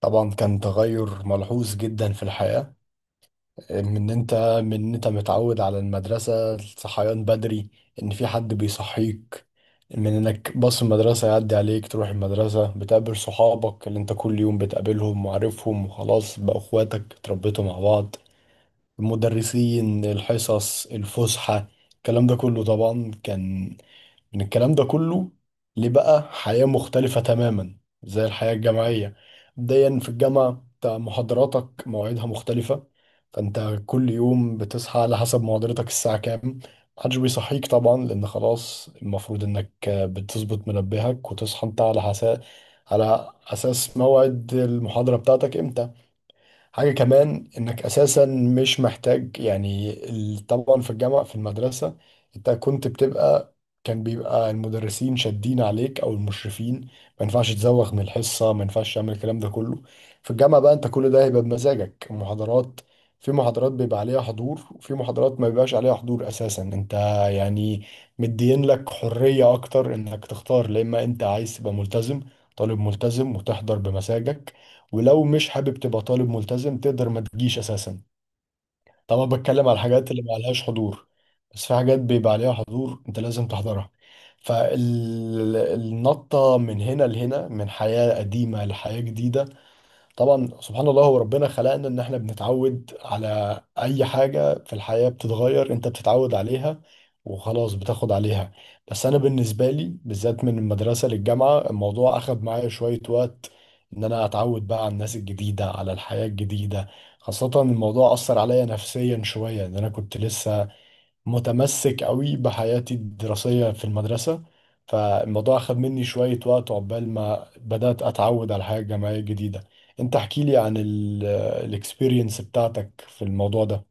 طبعا كان تغير ملحوظ جدا في الحياة. من إن انت من إن انت متعود على المدرسة، الصحيان بدري، ان في حد بيصحيك، من انك باص المدرسة يعدي عليك تروح المدرسة، بتقابل صحابك اللي انت كل يوم بتقابلهم وعارفهم، وخلاص بقى اخواتك اتربيتوا مع بعض، المدرسين، الحصص، الفسحة، الكلام ده كله طبعا كان من الكلام ده كله لبقى حياة مختلفة تماما زي الحياة الجامعية. مبدئيا في الجامعة انت محاضراتك مواعيدها مختلفة، فانت كل يوم بتصحى على حسب محاضرتك الساعة كام. محدش بيصحيك طبعا، لأن خلاص المفروض إنك بتظبط منبهك وتصحى انت على أساس موعد المحاضرة بتاعتك امتى. حاجة كمان انك اساسا مش محتاج، يعني طبعا في الجامعة، في المدرسة انت كنت بتبقى كان بيبقى المدرسين شادين عليك او المشرفين، ما ينفعش تزوغ من الحصة، ما ينفعش تعمل الكلام ده كله. في الجامعة بقى انت كل ده هيبقى بمزاجك. المحاضرات، في محاضرات بيبقى عليها حضور وفي محاضرات ما بيبقاش عليها حضور اساسا، انت يعني مدين لك حرية اكتر انك تختار، لا اما انت عايز تبقى ملتزم طالب ملتزم وتحضر بمزاجك، ولو مش حابب تبقى طالب ملتزم تقدر ما تجيش اساسا. طبعا بتكلم على الحاجات اللي ما عليهاش حضور، بس في حاجات بيبقى عليها حضور انت لازم تحضرها. فالنطة من هنا لهنا، من حياة قديمة لحياة جديدة. طبعا سبحان الله هو ربنا خلقنا ان احنا بنتعود على اي حاجة في الحياة بتتغير، انت بتتعود عليها وخلاص بتاخد عليها. بس انا بالنسبة لي بالذات من المدرسة للجامعة الموضوع اخد معايا شوية وقت ان انا اتعود بقى على الناس الجديدة، على الحياة الجديدة. خاصة الموضوع اثر عليا نفسيا شوية ان انا كنت لسه متمسك قوي بحياتي الدراسية في المدرسة. فالموضوع أخذ مني شوية وقت عقبال ما بدأت أتعود على الحياة الجامعية الجديدة. أنت احكي لي عن الاكسبيرينس بتاعتك في الموضوع ده.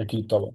أكيد طبعا.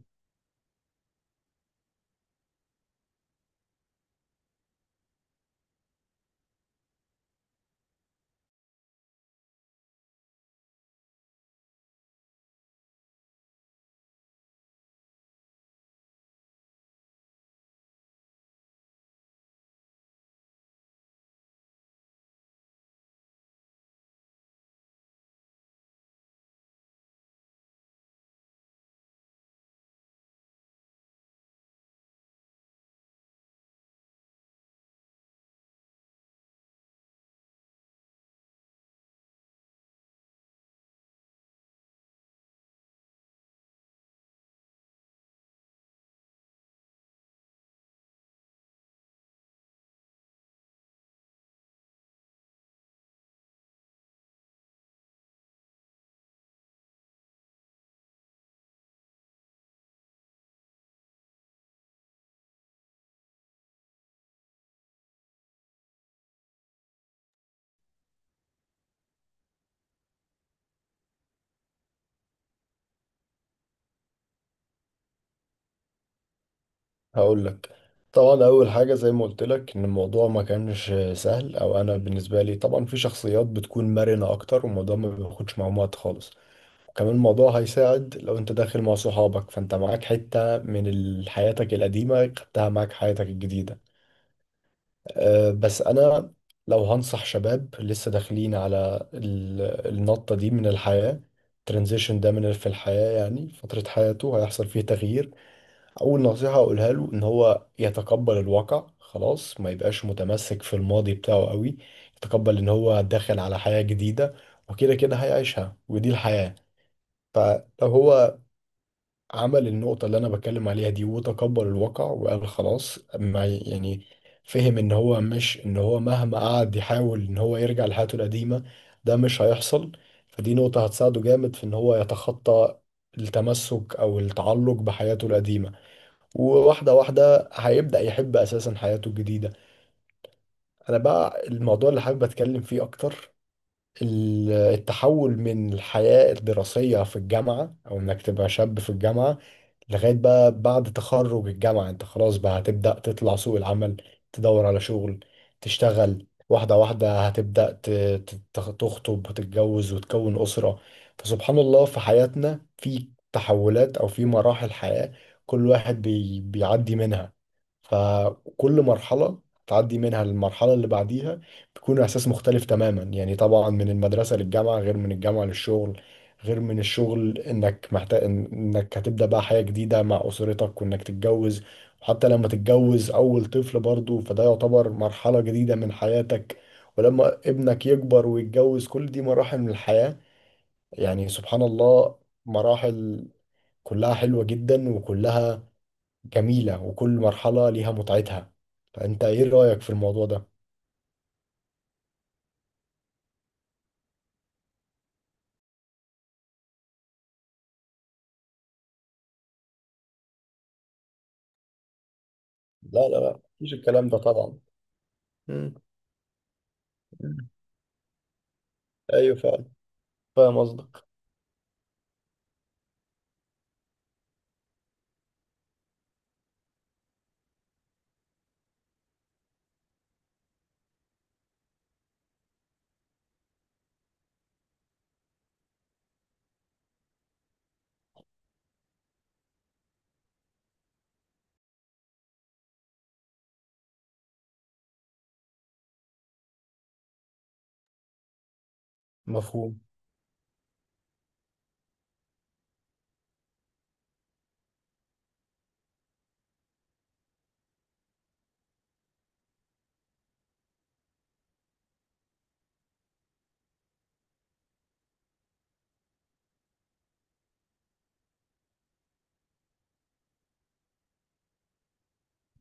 هقول لك، طبعا أول حاجة زي ما قلت لك إن الموضوع ما كانش سهل، أو أنا بالنسبة لي طبعا في شخصيات بتكون مرنة أكتر والموضوع ما بياخدش معاهم وقت خالص، وكمان الموضوع هيساعد لو انت داخل مع صحابك، فانت معاك حتة من حياتك القديمة خدتها معاك حياتك الجديدة. أه بس انا، لو هنصح شباب لسه داخلين على النطة دي من الحياة، الترانزيشن ده من في الحياة يعني فترة حياته هيحصل فيه تغيير، اول نصيحة اقولها له ان هو يتقبل الواقع خلاص، ما يبقاش متمسك في الماضي بتاعه قوي، يتقبل ان هو داخل على حياة جديدة وكده كده هيعيشها ودي الحياة. فلو هو عمل النقطة اللي أنا بتكلم عليها دي وتقبل الواقع وقال خلاص، ما يعني فهم إن هو مش، إن هو مهما قعد يحاول إن هو يرجع لحياته القديمة ده مش هيحصل، فدي نقطة هتساعده جامد في إن هو يتخطى التمسك أو التعلق بحياته القديمة، وواحدة واحدة هيبدأ يحب أساسا حياته الجديدة. أنا بقى الموضوع اللي حابب أتكلم فيه أكتر، التحول من الحياة الدراسية في الجامعة، أو إنك تبقى شاب في الجامعة لغاية بقى بعد تخرج الجامعة، أنت خلاص بقى هتبدأ تطلع سوق العمل، تدور على شغل، تشتغل، واحدة واحدة هتبدأ تخطب وتتجوز وتكون أسرة. فسبحان الله في حياتنا في تحولات أو في مراحل حياة كل واحد بيعدي منها. فكل مرحلة تعدي منها للمرحلة اللي بعديها بيكون احساس مختلف تماما، يعني طبعا من المدرسه للجامعه غير من الجامعه للشغل، غير من الشغل انك محتاج انك هتبدا بقى حياه جديده مع اسرتك وانك تتجوز. وحتى لما تتجوز اول طفل برضه فده يعتبر مرحله جديده من حياتك، ولما ابنك يكبر ويتجوز كل دي مراحل من الحياه. يعني سبحان الله، مراحل كلها حلوه جدا، وكلها جميله، وكل مرحله ليها متعتها. فانت ايه رايك في الموضوع ده؟ لا لا لا، مفيش الكلام ده طبعا. مم. ايوه فعلا. فاهم قصدك. مفهوم.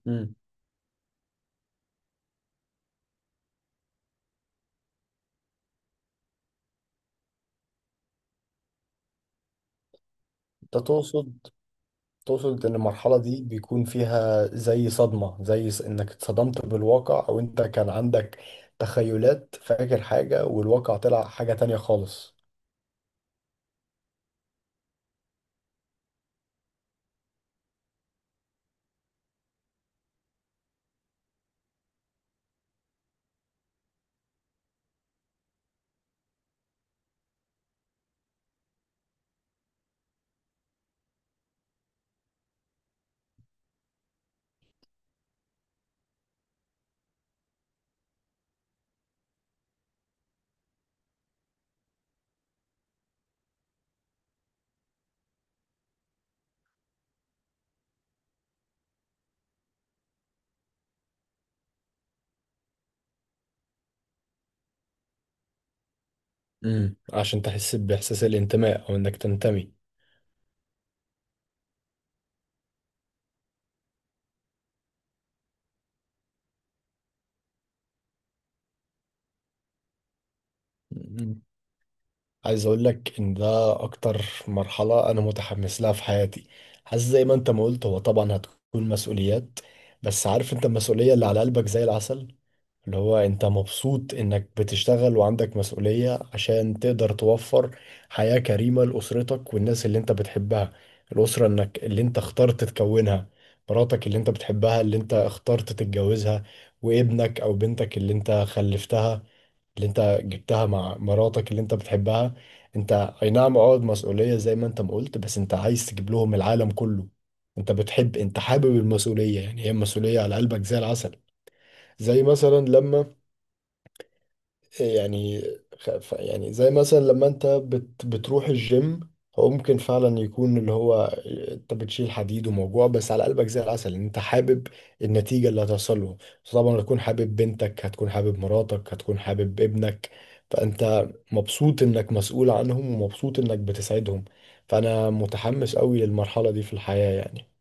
امم انت تقصد، تقصد ان المرحله دي بيكون فيها زي صدمه، زي انك اتصدمت بالواقع، او انت كان عندك تخيلات، فاكر حاجه والواقع طلع حاجه تانية خالص. عشان تحس باحساس الانتماء او انك تنتمي. مم. عايز اقول لك ان ده اكتر مرحلة انا متحمس لها في حياتي. حاسس زي ما انت ما قلت، هو طبعا هتكون مسؤوليات، بس عارف انت المسؤولية اللي على قلبك زي العسل، اللي هو انت مبسوط انك بتشتغل وعندك مسؤولية عشان تقدر توفر حياة كريمة لأسرتك والناس اللي انت بتحبها. الأسرة انك اللي انت اخترت تكونها، مراتك اللي انت بتحبها اللي انت اخترت تتجوزها، وابنك او بنتك اللي انت خلفتها اللي انت جبتها مع مراتك اللي انت بتحبها. انت اي نعم عقد مسؤولية زي ما انت ما قلت، بس انت عايز تجيب لهم العالم كله، انت بتحب، انت حابب المسؤولية يعني، هي المسؤولية على قلبك زي العسل. زي مثلا لما، يعني يعني زي مثلا لما انت بتروح الجيم، هو ممكن فعلا يكون اللي هو انت بتشيل حديد وموجوع، بس على قلبك زي العسل ان انت حابب النتيجة اللي هتوصل له. طبعا هتكون حابب بنتك، هتكون حابب مراتك، هتكون حابب ابنك، فانت مبسوط انك مسؤول عنهم ومبسوط انك بتسعدهم، فانا متحمس قوي للمرحلة دي في الحياة يعني.